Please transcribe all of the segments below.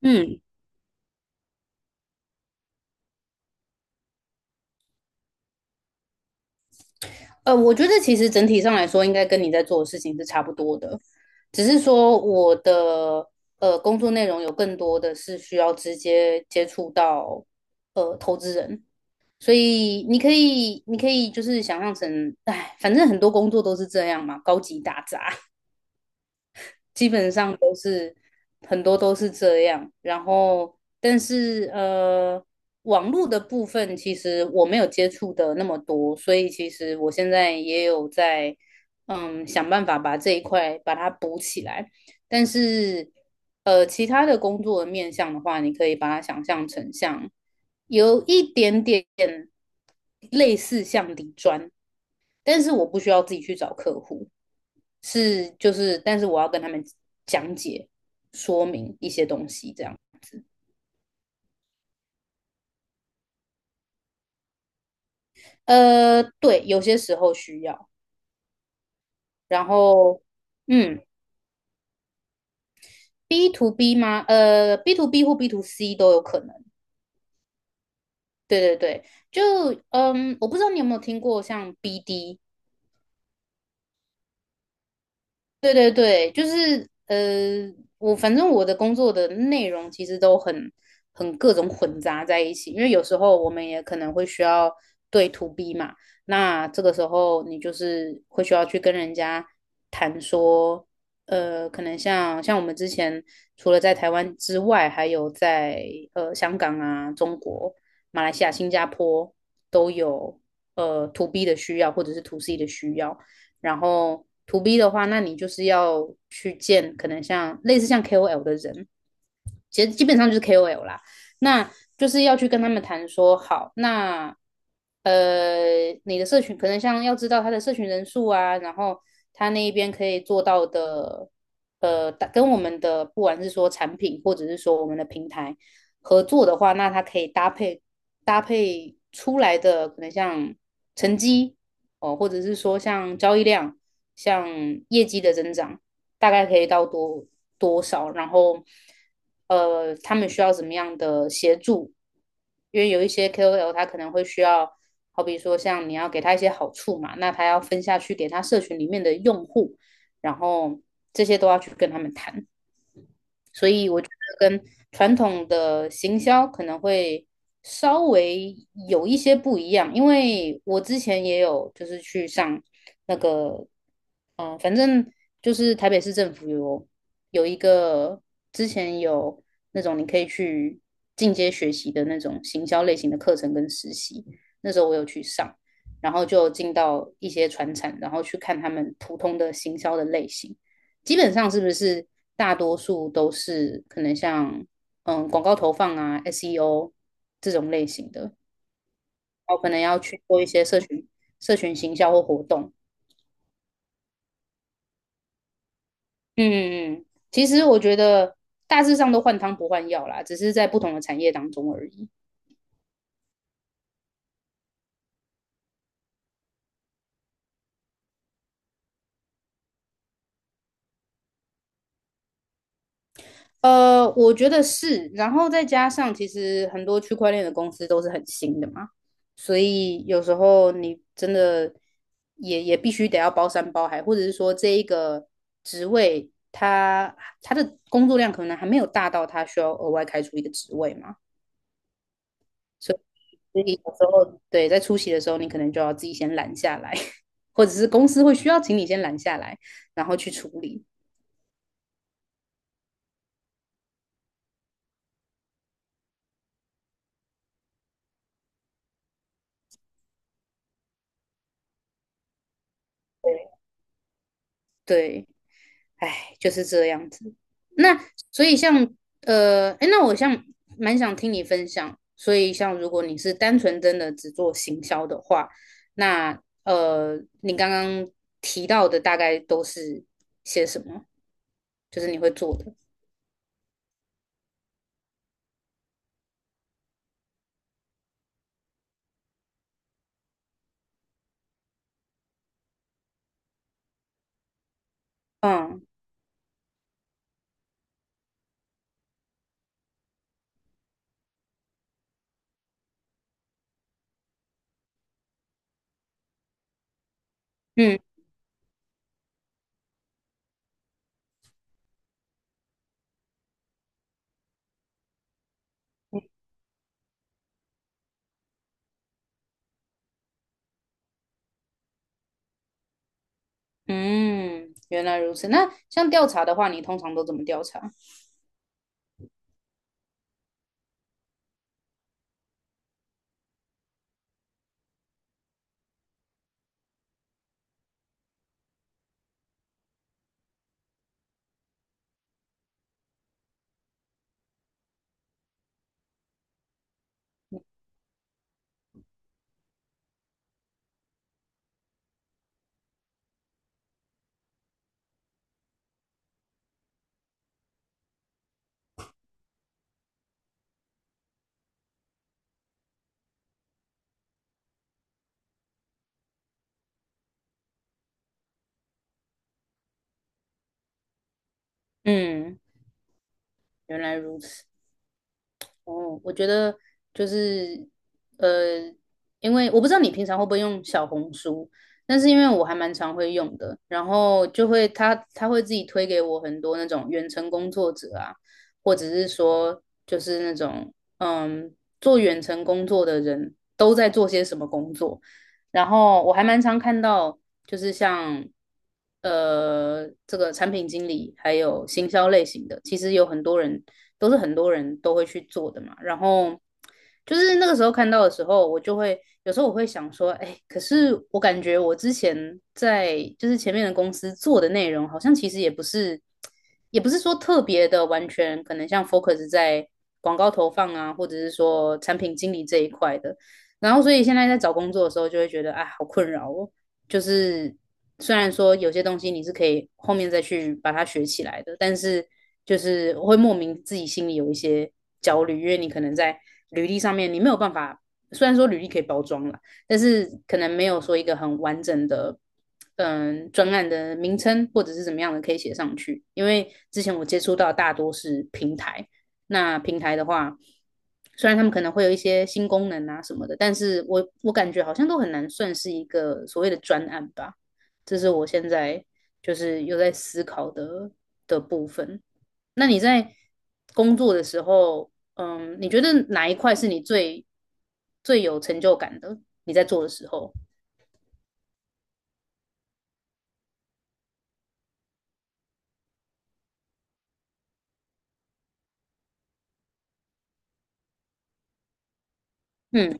嗯，我觉得其实整体上来说，应该跟你在做的事情是差不多的，只是说我的工作内容有更多的是需要直接接触到投资人，所以你可以就是想象成，哎，反正很多工作都是这样嘛，高级打杂。基本上都是很多都是这样。然后，但是，网络的部分其实我没有接触的那么多，所以其实我现在也有在想办法把这一块把它补起来。但是其他的工作的面向的话，你可以把它想象成像有一点点类似像底砖，但是我不需要自己去找客户。是就是，但是我要跟他们讲解说明一些东西，这样。对，有些时候需要。然后，嗯，B to B 吗？B to B 或 B to C 都有可能。对对对，就嗯，我不知道你有没有听过像 BD，对对对，就是，我反正我的工作的内容其实都很各种混杂在一起，因为有时候我们也可能会需要对 to B 嘛，那这个时候你就是会需要去跟人家谈说，可能像我们之前除了在台湾之外，还有在香港啊、中国、马来西亚、新加坡都有to B 的需要或者是 to C 的需要。然后 to B 的话，那你就是要去见可能像类似像 KOL 的人，其实基本上就是 KOL 啦。那就是要去跟他们谈说，好，那你的社群可能像要知道他的社群人数啊，然后他那一边可以做到的，跟我们的不管是说产品或者是说我们的平台合作的话，那它可以搭配出来的可能像成绩哦，或者是说像交易量、像业绩的增长，大概可以到多少，然后他们需要怎么样的协助？因为有一些 KOL 他可能会需要，好比说像你要给他一些好处嘛，那他要分下去给他社群里面的用户，然后这些都要去跟他们谈。跟传统的行销可能会稍微有一些不一样，因为我之前也有就是去上那个，反正就是台北市政府有一个之前有那种你可以去进阶学习的那种行销类型的课程跟实习，那时候我有去上，然后就进到一些传产，然后去看他们普通的行销的类型。基本上是不是大多数都是可能像广告投放啊、SEO 这种类型的，然后可能要去做一些社群行销或活动。嗯嗯，其实我觉得大致上都换汤不换药啦，只是在不同的产业当中而已。我觉得是，然后再加上其实很多区块链的公司都是很新的嘛，所以有时候你真的也必须得要包山包海，或者是说这一个职位他的工作量可能还没有大到他需要额外开出一个职位嘛，所以所以有时候对在出席的时候，你可能就要自己先拦下来，或者是公司会需要请你先拦下来，然后去处理，对。哎，就是这样子。那所以像哎，那我像蛮想听你分享。所以像如果你是单纯真的只做行销的话，那你刚刚提到的大概都是些什么？就是你会做的。嗯嗯嗯，原来如此。那像调查的话，你通常都怎么调查？嗯，原来如此。哦，我觉得就是呃，因为我不知道你平常会不会用小红书，但是因为我还蛮常会用的，然后就会他会自己推给我很多那种远程工作者啊，或者是说就是那种做远程工作的人都在做些什么工作，然后我还蛮常看到，就是像这个产品经理还有行销类型的，其实有很多人都是很多人都会去做的嘛。然后就是那个时候看到的时候，我就会有时候我会想说，哎，可是我感觉我之前在就是前面的公司做的内容，好像其实也不是，也不是说特别的完全可能像 focus 在广告投放啊，或者是说产品经理这一块的。然后所以现在在找工作的时候，就会觉得啊，好困扰哦。就是虽然说有些东西你是可以后面再去把它学起来的，但是就是会莫名自己心里有一些焦虑，因为你可能在履历上面你没有办法，虽然说履历可以包装了，但是可能没有说一个很完整的。嗯，专案的名称或者是怎么样的可以写上去，因为之前我接触到大多是平台，那平台的话，虽然他们可能会有一些新功能啊什么的，但是我感觉好像都很难算是一个所谓的专案吧。这是我现在就是有在思考的部分。那你在工作的时候，嗯，你觉得哪一块是你最有成就感的？你在做的时候，嗯，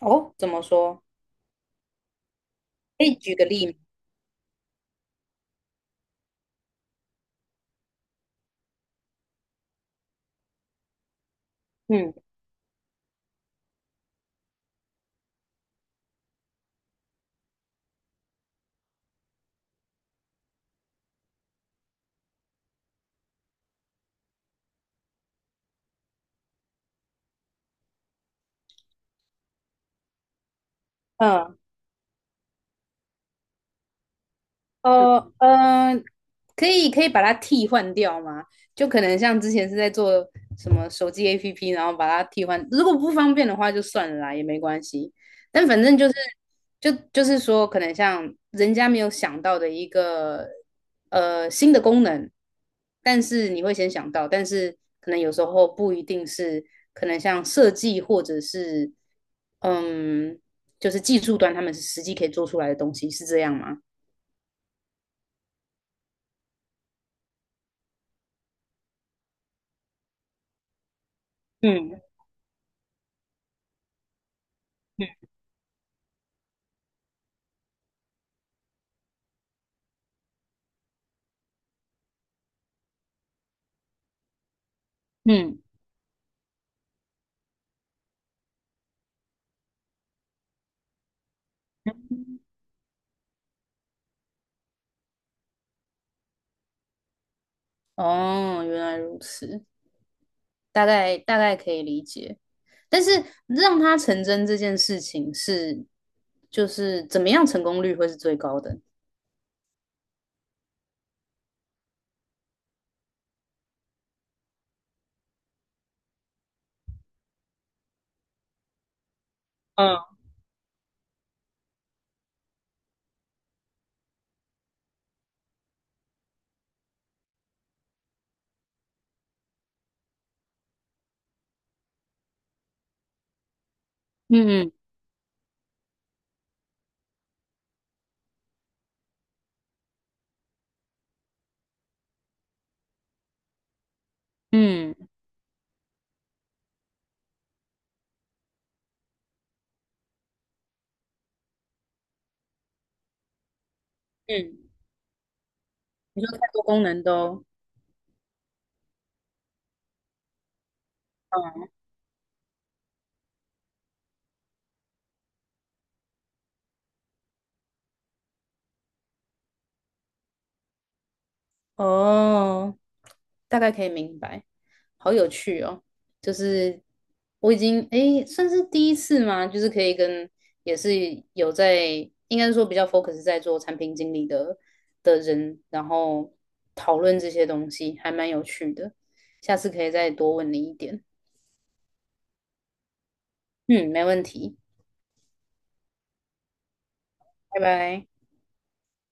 哦，怎么说？可以举个例吗？嗯嗯呃嗯、可以把它替换掉吗？就可能像之前是在做什么手机 APP，然后把它替换，如果不方便的话就算了啦，也没关系。但反正就是就是说，可能像人家没有想到的一个新的功能，但是你会先想到，但是可能有时候不一定是可能像设计或者是嗯，就是技术端他们是实际可以做出来的东西，是这样吗？嗯。嗯，哦，原来如此，大概可以理解。但是让它成真这件事情是，就是怎么样成功率会是最高的？嗯嗯嗯嗯，你说太多功能都，嗯。哦，大概可以明白，好有趣哦！就是我已经诶，算是第一次嘛，就是可以跟也是有在，应该是说比较 focus 在做产品经理的人，然后讨论这些东西，还蛮有趣的。下次可以再多问你一点。嗯，没问题，拜拜。